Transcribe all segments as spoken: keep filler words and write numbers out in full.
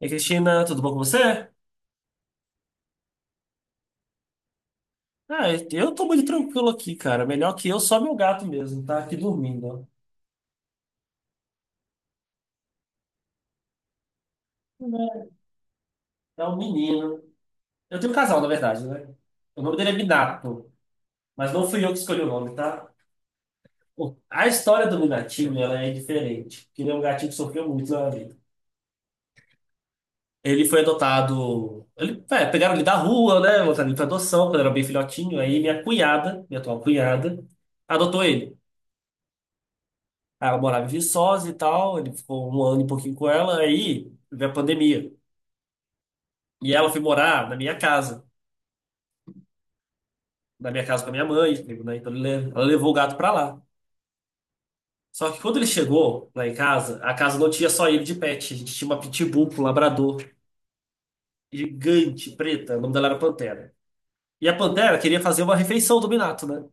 E Cristina, tudo bom com você? Ah, eu tô muito tranquilo aqui, cara. Melhor que eu, só meu gato mesmo, tá aqui dormindo. É um menino. Eu tenho um casal, na verdade, né? O nome dele é Minato, mas não fui eu que escolhi o nome, tá? Bom, a história do Minatinho, ela é diferente, porque ele é um gatinho que sofreu muito na vida. Ele foi adotado. Ele, é, pegaram ele da rua, né? Botaram ele pra adoção, quando era bem filhotinho. Aí minha cunhada, minha atual cunhada, adotou ele. Aí ela morava em Viçosa e tal, ele ficou um ano e pouquinho com ela, aí veio a pandemia. E ela foi morar na minha casa, na minha casa com a minha mãe, tipo, né? Então ele le- ela levou o gato pra lá. Só que quando ele chegou lá em casa, a casa não tinha só ele de pet, a gente tinha uma pitbull com um labrador gigante, preta, o nome dela era Pantera. E a Pantera queria fazer uma refeição do Minato, né?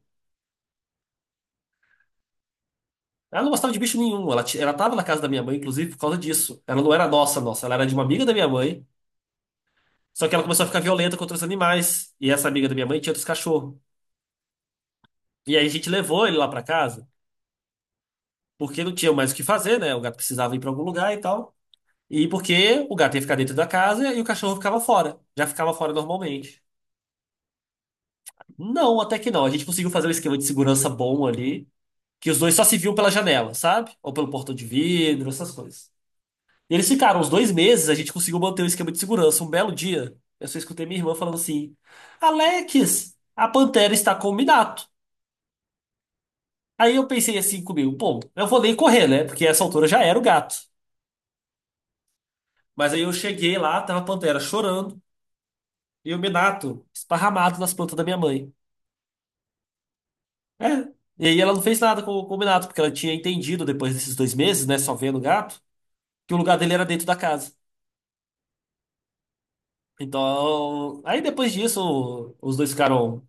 Ela não gostava de bicho nenhum, ela, ti- ela tava na casa da minha mãe, inclusive, por causa disso. Ela não era nossa, nossa, ela era de uma amiga da minha mãe, só que ela começou a ficar violenta contra os animais, e essa amiga da minha mãe tinha outros cachorros. E aí a gente levou ele lá pra casa, porque não tinha mais o que fazer, né? O gato precisava ir pra algum lugar e tal. E porque o gato ia ficar dentro da casa e o cachorro ficava fora. Já ficava fora normalmente. Não, até que não. A gente conseguiu fazer um esquema de segurança bom ali, que os dois só se viam pela janela, sabe? Ou pelo portão de vidro, essas coisas. E eles ficaram uns dois meses, a gente conseguiu manter o esquema de segurança. Um belo dia, eu só escutei minha irmã falando assim: Alex, a Pantera está com o Minato. Aí eu pensei assim comigo: bom, eu vou nem correr, né? Porque essa altura já era o gato. Mas aí eu cheguei lá, tava a Pantera chorando e o Minato esparramado nas plantas da minha mãe. É. E aí ela não fez nada com, com o Minato, porque ela tinha entendido depois desses dois meses, né, só vendo o gato, que o lugar dele era dentro da casa. Então, aí depois disso, os dois ficaram.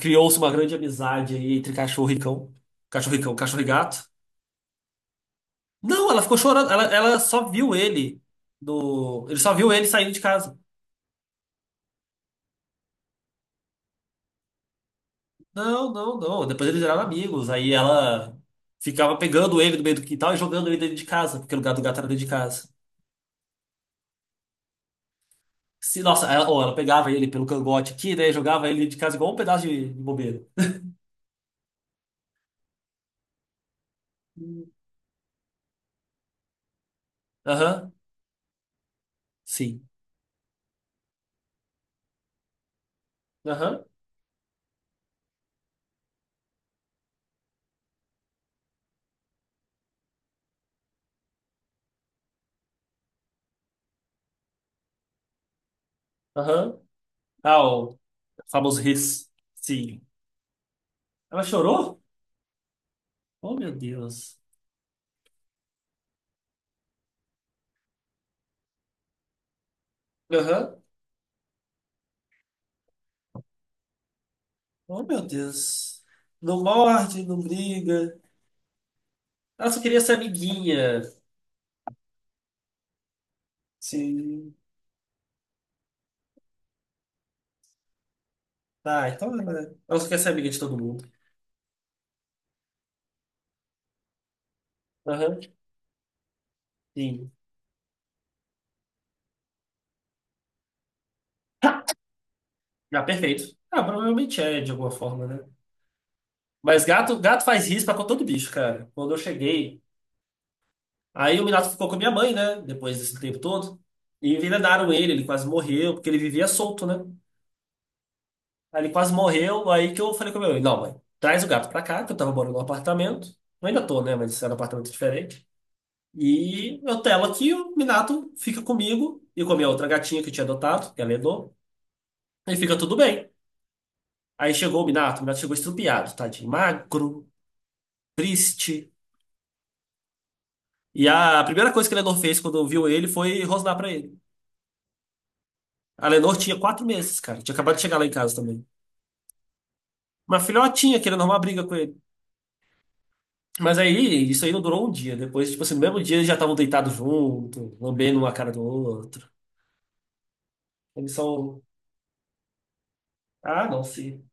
Criou-se uma grande amizade aí entre cachorro e cão. Cachorro e cão, cachorro e gato. Não, ela ficou chorando. Ela, ela só viu ele no. Ele só viu ele saindo de casa. Não, não, não. Depois eles viraram amigos. Aí ela ficava pegando ele do meio do quintal e jogando ele dentro de casa, porque o lugar do gato era dentro de casa. Se, nossa, ela, ou ela pegava ele pelo cangote aqui, né? Jogava ele dentro de casa igual um pedaço de, de bobeira. Aham, sim. Aham, aham. Ah, o famoso Riz. Sim. Ela chorou? Oh, meu Deus. Aham. Oh, meu Deus. Não morde, não briga. Ela só queria ser amiguinha. Sim. Tá, então ela ela só quer ser amiga de todo mundo. Aham. Sim. Ah, perfeito. Ah, provavelmente é, de alguma forma, né? Mas gato, gato faz risco pra todo bicho, cara. Quando eu cheguei, aí o Minato ficou com a minha mãe, né? Depois desse tempo todo. E envenenaram ele, ele quase morreu, porque ele vivia solto, né? Aí ele quase morreu, aí que eu falei com a minha mãe, não, mãe, traz o gato pra cá, que eu tava morando num apartamento. Eu ainda tô, né? Mas isso era um apartamento diferente. E eu telo aqui, o Minato fica comigo e com a minha outra gatinha que eu tinha adotado, que ela herdou, e fica tudo bem. Aí chegou o Minato, o Minato chegou estrupiado, tadinho, magro, triste. E a primeira coisa que a Lenor fez quando viu ele foi rosnar pra ele. A Lenor tinha quatro meses, cara. Tinha acabado de chegar lá em casa também. Uma filhotinha querendo arrumar briga com ele. Mas aí, isso aí não durou um dia. Depois, tipo assim, no mesmo dia eles já estavam deitados junto, lambendo uma cara do outro. Eles são. Ah, não, sim.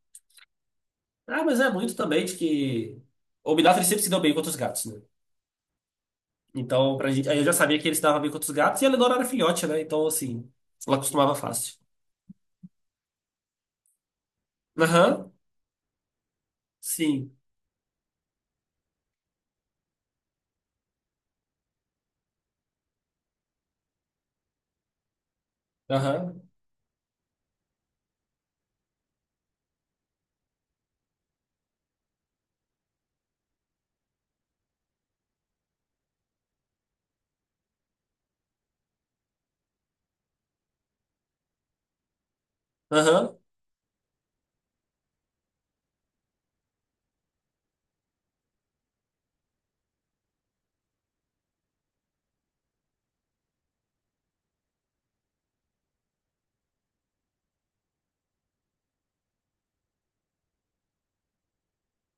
Ah, mas é muito também de que. O Minafre sempre se deu bem contra os gatos, né? Então, pra gente. Aí eu já sabia que ele se dava bem contra os gatos e a Lenor era filhote, né? Então, assim, ela acostumava fácil. Aham, sim. Aham, aham,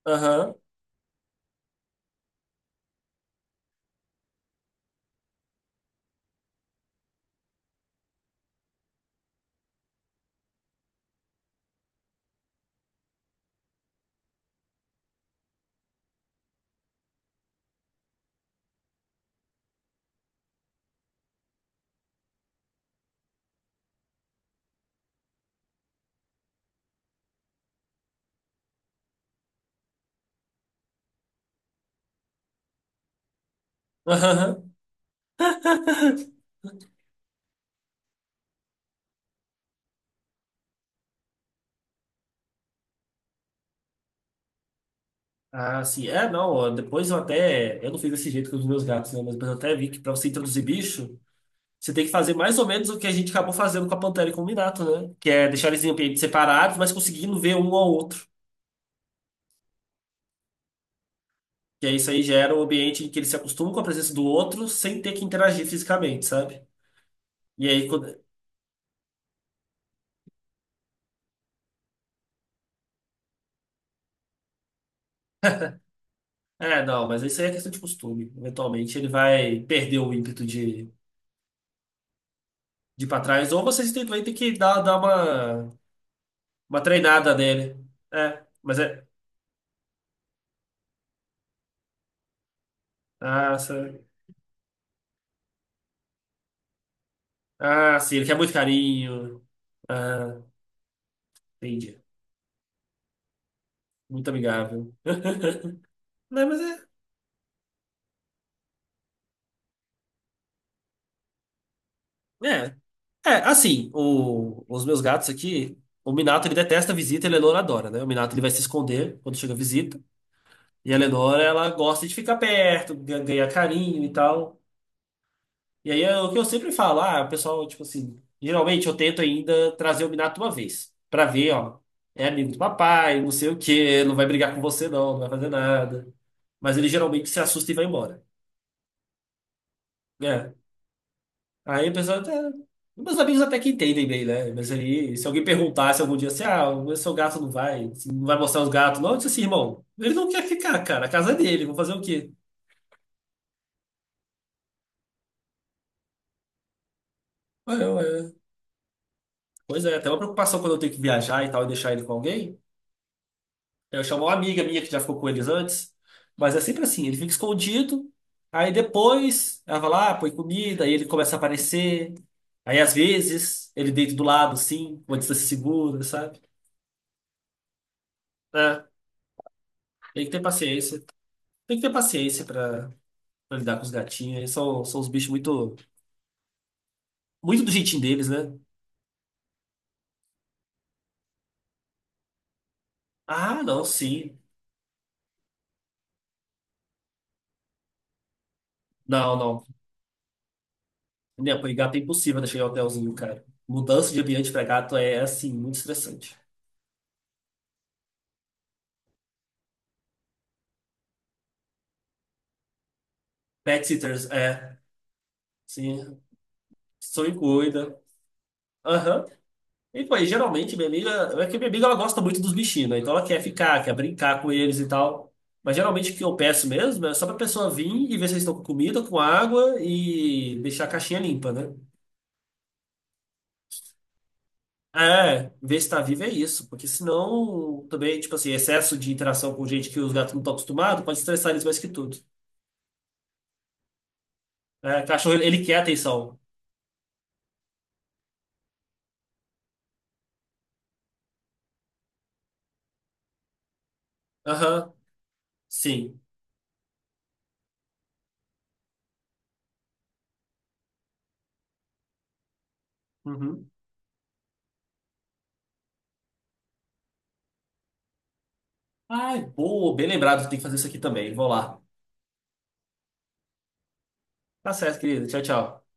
aham. Aham. Ah, sim. É, não. Ó, depois eu até. Eu não fiz desse jeito com os meus gatos, né? Mas depois eu até vi que pra você introduzir bicho, você tem que fazer mais ou menos o que a gente acabou fazendo com a Pantera e com o Minato, né? Que é deixar eles em ambientes separados, mas conseguindo ver um ao outro. Que aí isso aí gera um ambiente em que eles se acostumam com a presença do outro sem ter que interagir fisicamente, sabe? E aí quando. É, não, mas isso aí é questão de costume. Eventualmente ele vai perder o ímpeto de, de ir pra trás, ou vocês têm- vai ter que dar, dar uma. Uma treinada nele. É, mas é. Ah, sa- ah, sim, ele quer muito carinho. Ah, entendi. Muito amigável. Não, mas é. É, é assim, o- os meus gatos aqui. O Minato ele detesta a visita, e a Lenora adora, né? O Minato ele vai se esconder quando chega a visita. E a Lenora ela gosta de ficar perto, ga- ganhar carinho e tal. E aí é o que eu sempre falo, ah, o pessoal, tipo assim, geralmente eu tento ainda trazer o Minato uma vez, pra ver, ó, é amigo do papai, não sei o quê, não vai brigar com você não, não vai fazer nada. Mas ele geralmente se assusta e vai embora, né? Aí o pessoal até... Meus amigos até que entendem bem, né? Mas aí, se alguém perguntasse algum dia assim, ah, o seu gato não vai, você não vai mostrar os gatos, não, eu disse assim, irmão, ele não quer ficar, cara, a casa é dele, vou fazer o quê? Ué, ué. Pois é, até uma preocupação quando eu tenho que viajar e tal e deixar ele com alguém. Eu chamo uma amiga minha que já ficou com eles antes, mas é sempre assim, ele fica escondido, aí depois ela vai lá, põe comida, aí ele começa a aparecer. Aí às vezes ele deita do lado, assim, uma distância segura, sabe? É, tem que ter paciência. Tem que ter paciência pra, pra lidar com os gatinhos. Eles são, são os bichos muito, muito do jeitinho deles, né? Ah, não, sim. Não, não. Minha mãe, gato é impossível deixar em hotelzinho, cara. Mudança de ambiente pra gato é, assim, muito estressante. Pet sitters, é. Sim. Só me cuida. Aham. E, pô, e geralmente minha amiga. É que minha amiga ela gosta muito dos bichinhos, né? Então ela quer ficar, quer brincar com eles e tal. Mas geralmente o que eu peço mesmo é só pra pessoa vir e ver se eles estão com comida, com água e deixar a caixinha limpa, né? É, ver se tá vivo é isso. Porque senão também, tipo assim, excesso de interação com gente que os gatos não estão acostumados pode estressar eles mais que tudo. É, cachorro, ele ele quer atenção. Aham, sim. Uhum. Ai, boa, bem lembrado, tem que fazer isso aqui também. Vou lá. Tá certo, querida. Tchau, tchau.